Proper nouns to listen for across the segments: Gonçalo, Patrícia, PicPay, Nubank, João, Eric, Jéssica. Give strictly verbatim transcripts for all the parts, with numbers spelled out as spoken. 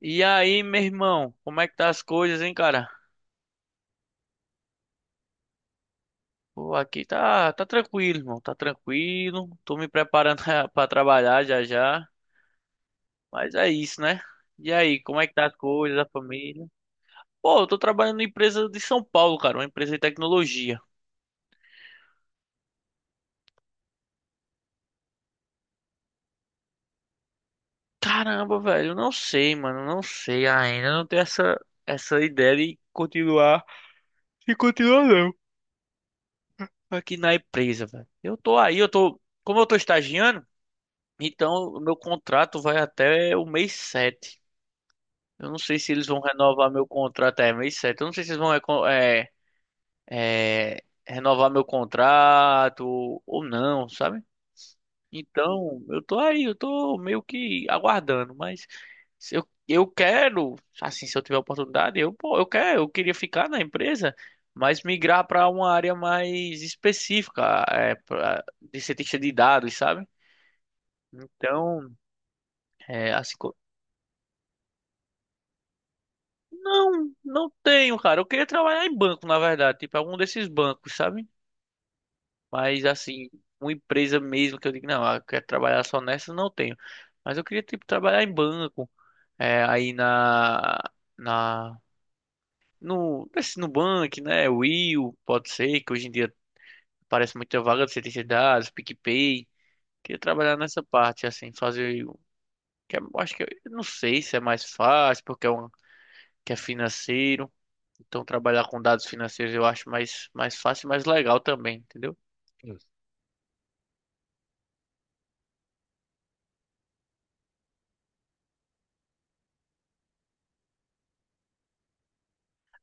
E aí, meu irmão, como é que tá as coisas, hein, cara? Pô, aqui tá, tá tranquilo, irmão, tá tranquilo. Tô me preparando pra trabalhar já já, mas é isso, né? E aí, como é que tá as coisas, a família? Pô, eu tô trabalhando numa empresa de São Paulo, cara, uma empresa de tecnologia. Caramba, velho, eu não sei, mano, eu não sei ainda, eu não tenho essa essa ideia de continuar, de continuar não, aqui na empresa, velho. Eu tô aí, eu tô, como eu tô estagiando, então, o meu contrato vai até o mês sete. Eu não sei se eles vão renovar meu contrato. É, mês sete. Eu não sei se eles vão reco- é, é, renovar meu contrato ou não, sabe? Então, eu tô aí, eu tô meio que aguardando, mas se eu, eu quero, assim, se eu tiver oportunidade, eu, pô, eu quero, eu queria ficar na empresa, mas migrar para uma área mais específica, é, pra- de cientista de dados, sabe? Então, é, assim. Não, não tenho, cara. Eu queria trabalhar em banco, na verdade, tipo algum desses bancos, sabe? Mas assim, uma empresa mesmo que eu digo, não, ah, eu quero trabalhar só nessa, não tenho. Mas eu queria tipo trabalhar em banco, é, aí na na no nesse Nubank, né? Will, pode ser que hoje em dia parece muita vaga de ciência de dados, PicPay. Queria trabalhar nessa parte assim, fazer o- que é- eu acho que eu não sei se é mais fácil porque é um que é financeiro. Então, trabalhar com dados financeiros eu acho mais, mais fácil e mais legal também, entendeu? Isso.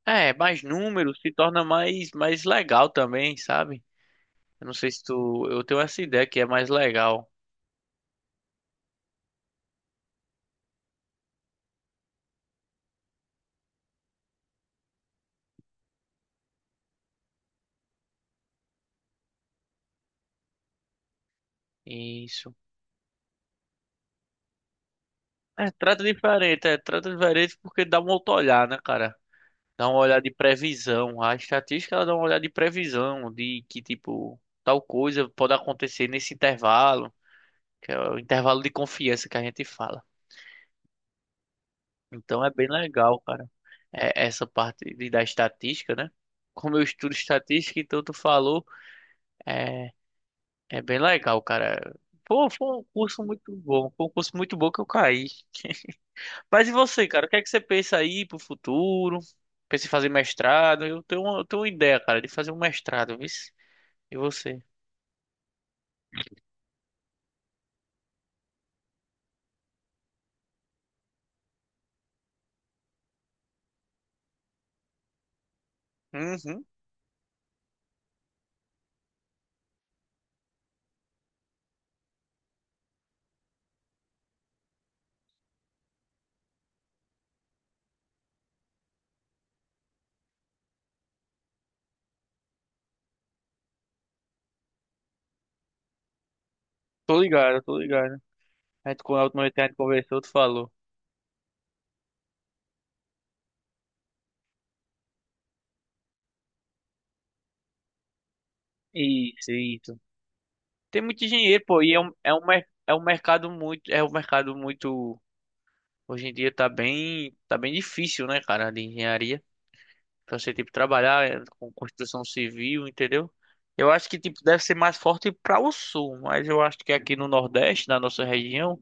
É, mais números se torna mais, mais legal também, sabe? Eu não sei se tu. Eu tenho essa ideia que é mais legal. Isso. É, trata diferente, é, trata diferente porque dá um outro olhar, né, cara? Dá uma olhada de previsão. A estatística ela dá uma olhada de previsão, de que, tipo, tal coisa pode acontecer nesse intervalo, que é o intervalo de confiança que a gente fala. Então é bem legal, cara. É, essa parte de, da estatística, né? Como eu estudo estatística, então tu falou, é, é bem legal, cara. Pô, foi um curso muito bom, foi um curso muito bom que eu caí. Mas e você, cara? O que é que você pensa aí pro futuro? Pensa em fazer mestrado? Eu tenho uma, eu tenho uma ideia, cara, de fazer um mestrado, viu? E você? Uhum. Tô ligado, tô ligado. A gente, quando a última vez que a gente conversou, tu falou. Isso, isso. Tem muito dinheiro, pô, e é um, é um, mer- é um mercado muito, é um mercado muito. Hoje em dia tá bem, tá bem difícil, né, cara, de engenharia. Pra você, tipo, trabalhar eh, com construção civil, entendeu? Eu acho que, tipo, deve ser mais forte para o sul, mas eu acho que aqui no Nordeste, na nossa região,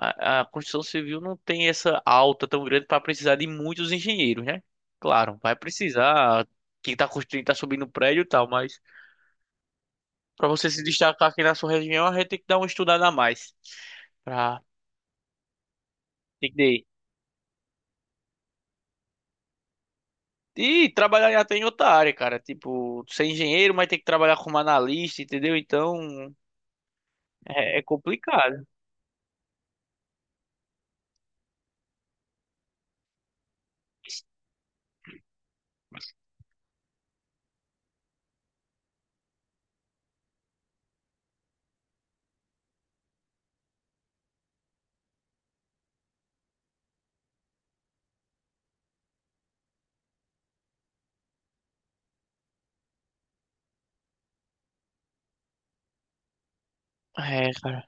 a, a construção civil não tem essa alta tão grande para precisar de muitos engenheiros, né? Claro, vai precisar. Quem tá construindo, tá subindo prédio e tal, mas para você se destacar aqui na sua região, a gente tem que dar uma estudada a mais. Pra entender. E trabalhar até em outra área, cara. Tipo, ser engenheiro, mas tem que trabalhar como analista, entendeu? Então, é, é complicado. É, cara.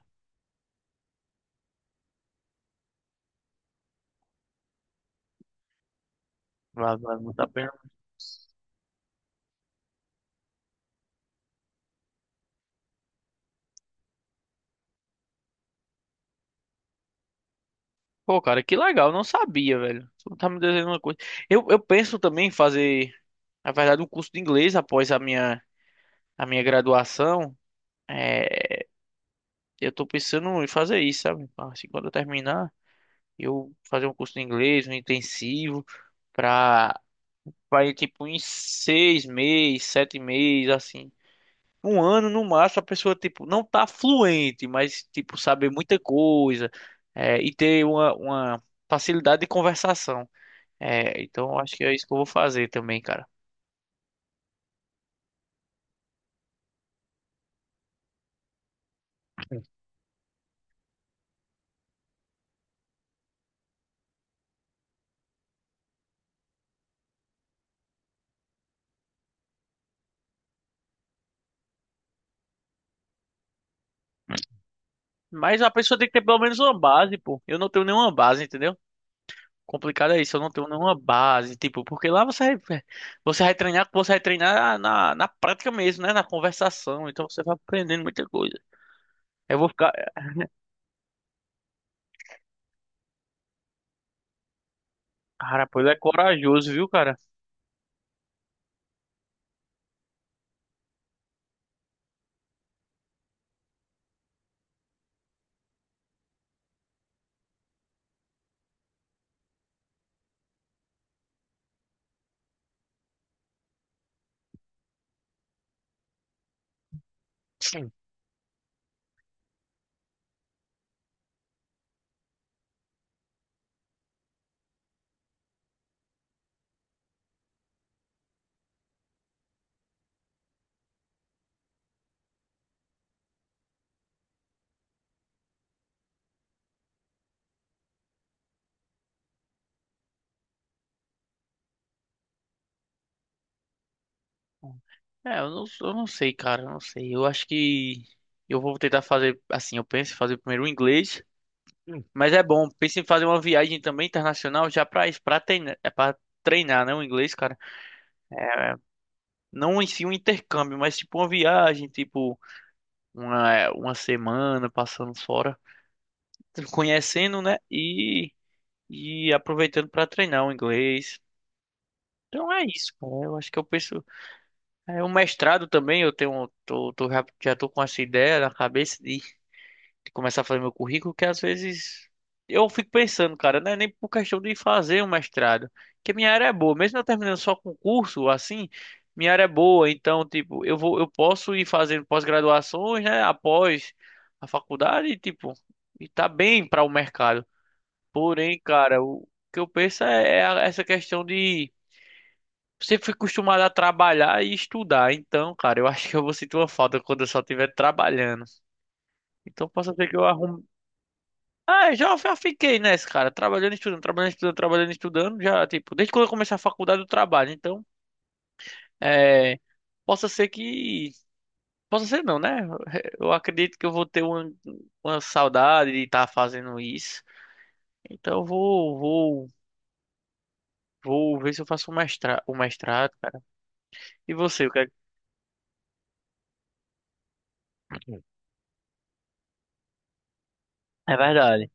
Vale, vale muito a pena. Pô, cara, que legal. Não sabia, velho. Tu tá me dizendo uma coisa. Eu, eu penso também em fazer, na verdade, um curso de inglês após a minha, a minha graduação. É, eu tô pensando em fazer isso, sabe? Assim, quando eu terminar, eu fazer um curso de inglês, um intensivo, pra, pra ir, tipo, em seis meses, sete meses, assim. Um ano no máximo a pessoa tipo não tá fluente, mas tipo saber muita coisa, é, e ter uma, uma facilidade de conversação. É, então eu acho que é isso que eu vou fazer também, cara. Mas a pessoa tem que ter pelo menos uma base, pô. Eu não tenho nenhuma base, entendeu? Complicado é isso, eu não tenho nenhuma base, tipo, porque lá você vai- é, você vai treinar, você vai treinar na, na prática mesmo, né? Na conversação, então você vai aprendendo muita coisa. Eu vou ficar, cara, pô, ele é corajoso, viu, cara? É, eu não, eu não sei, cara, eu não sei. Eu acho que eu vou tentar fazer assim, eu penso em fazer primeiro o inglês. Hum. Mas é bom, penso em fazer uma viagem também internacional já pra isso, pra treinar, é para treinar, né, o inglês, cara. Não em si um intercâmbio, mas tipo uma viagem, tipo uma, uma semana passando fora, conhecendo, né, e e aproveitando pra treinar o inglês. Então é isso, cara. Eu acho que eu penso. É, o mestrado também, eu tenho, tô, tô, já, já tô com essa ideia na cabeça, começar a fazer meu currículo, que às vezes eu fico pensando, cara, não é nem por questão de fazer um mestrado, que minha área é boa, mesmo eu terminando só concurso, assim, minha área é boa, então, tipo, eu vou, eu posso ir fazendo pós-graduações, né, após a faculdade, e, tipo, e tá bem para o mercado. Porém, cara, o que eu penso é, é a- essa questão de. Você foi acostumado a trabalhar e estudar, então, cara, eu acho que eu vou sentir uma falta quando eu só estiver trabalhando. Então, possa ser que eu arrume. Ah, eu já, já fiquei nessa, cara. Trabalhando, estudando, trabalhando, estudando, trabalhando, estudando. Já, tipo, desde quando eu comecei a faculdade eu trabalho. Então, é, possa ser que. Possa ser não, né? Eu acredito que eu vou ter uma, uma saudade de estar fazendo isso. Então, eu vou, vou, vou ver se eu faço o mestrado, o mestrado, cara. E você, o que é? que- É verdade.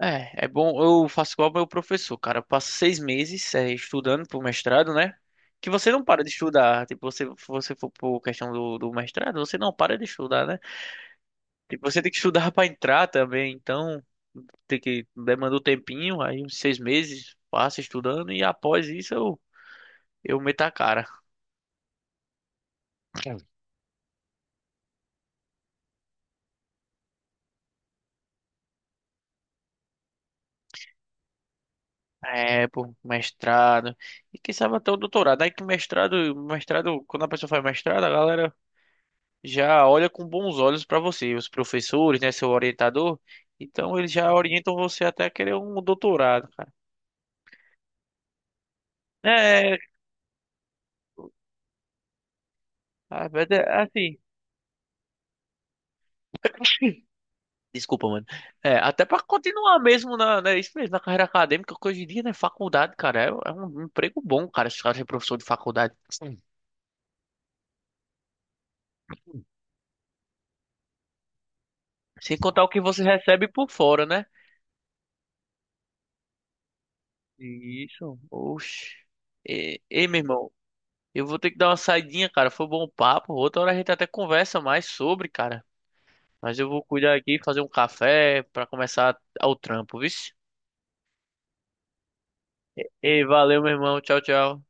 É, é bom. Eu faço igual meu professor, cara. Eu passo seis meses é, estudando pro mestrado, né? Que você não para de estudar. Tipo, você, se você for por questão do, do mestrado, você não para de estudar, né? Tipo, você tem que estudar pra entrar também. Então, tem que demanda um tempinho, aí uns seis meses passa estudando e após isso eu, eu meto a cara. É, pô, mestrado. E quem sabe até o doutorado. Aí que mestrado, mestrado, quando a pessoa faz mestrado, a galera já olha com bons olhos para você, os professores, né, seu orientador. Então eles já orientam você até querer um doutorado, cara. É, ah, mas é assim. Desculpa, mano. É, até pra continuar mesmo na, né, isso mesmo, na carreira acadêmica, que hoje em dia, né, faculdade, cara, é, é um emprego bom, cara, se cara é professor de faculdade. Sim. Sem contar o que você recebe por fora, né? Isso, oxe. Ei, ei, meu irmão, eu vou ter que dar uma saidinha, cara, foi bom o papo, outra hora a gente até conversa mais sobre, cara. Mas eu vou cuidar aqui, fazer um café pra começar o trampo, viu? Ei, valeu, meu irmão. Tchau, tchau.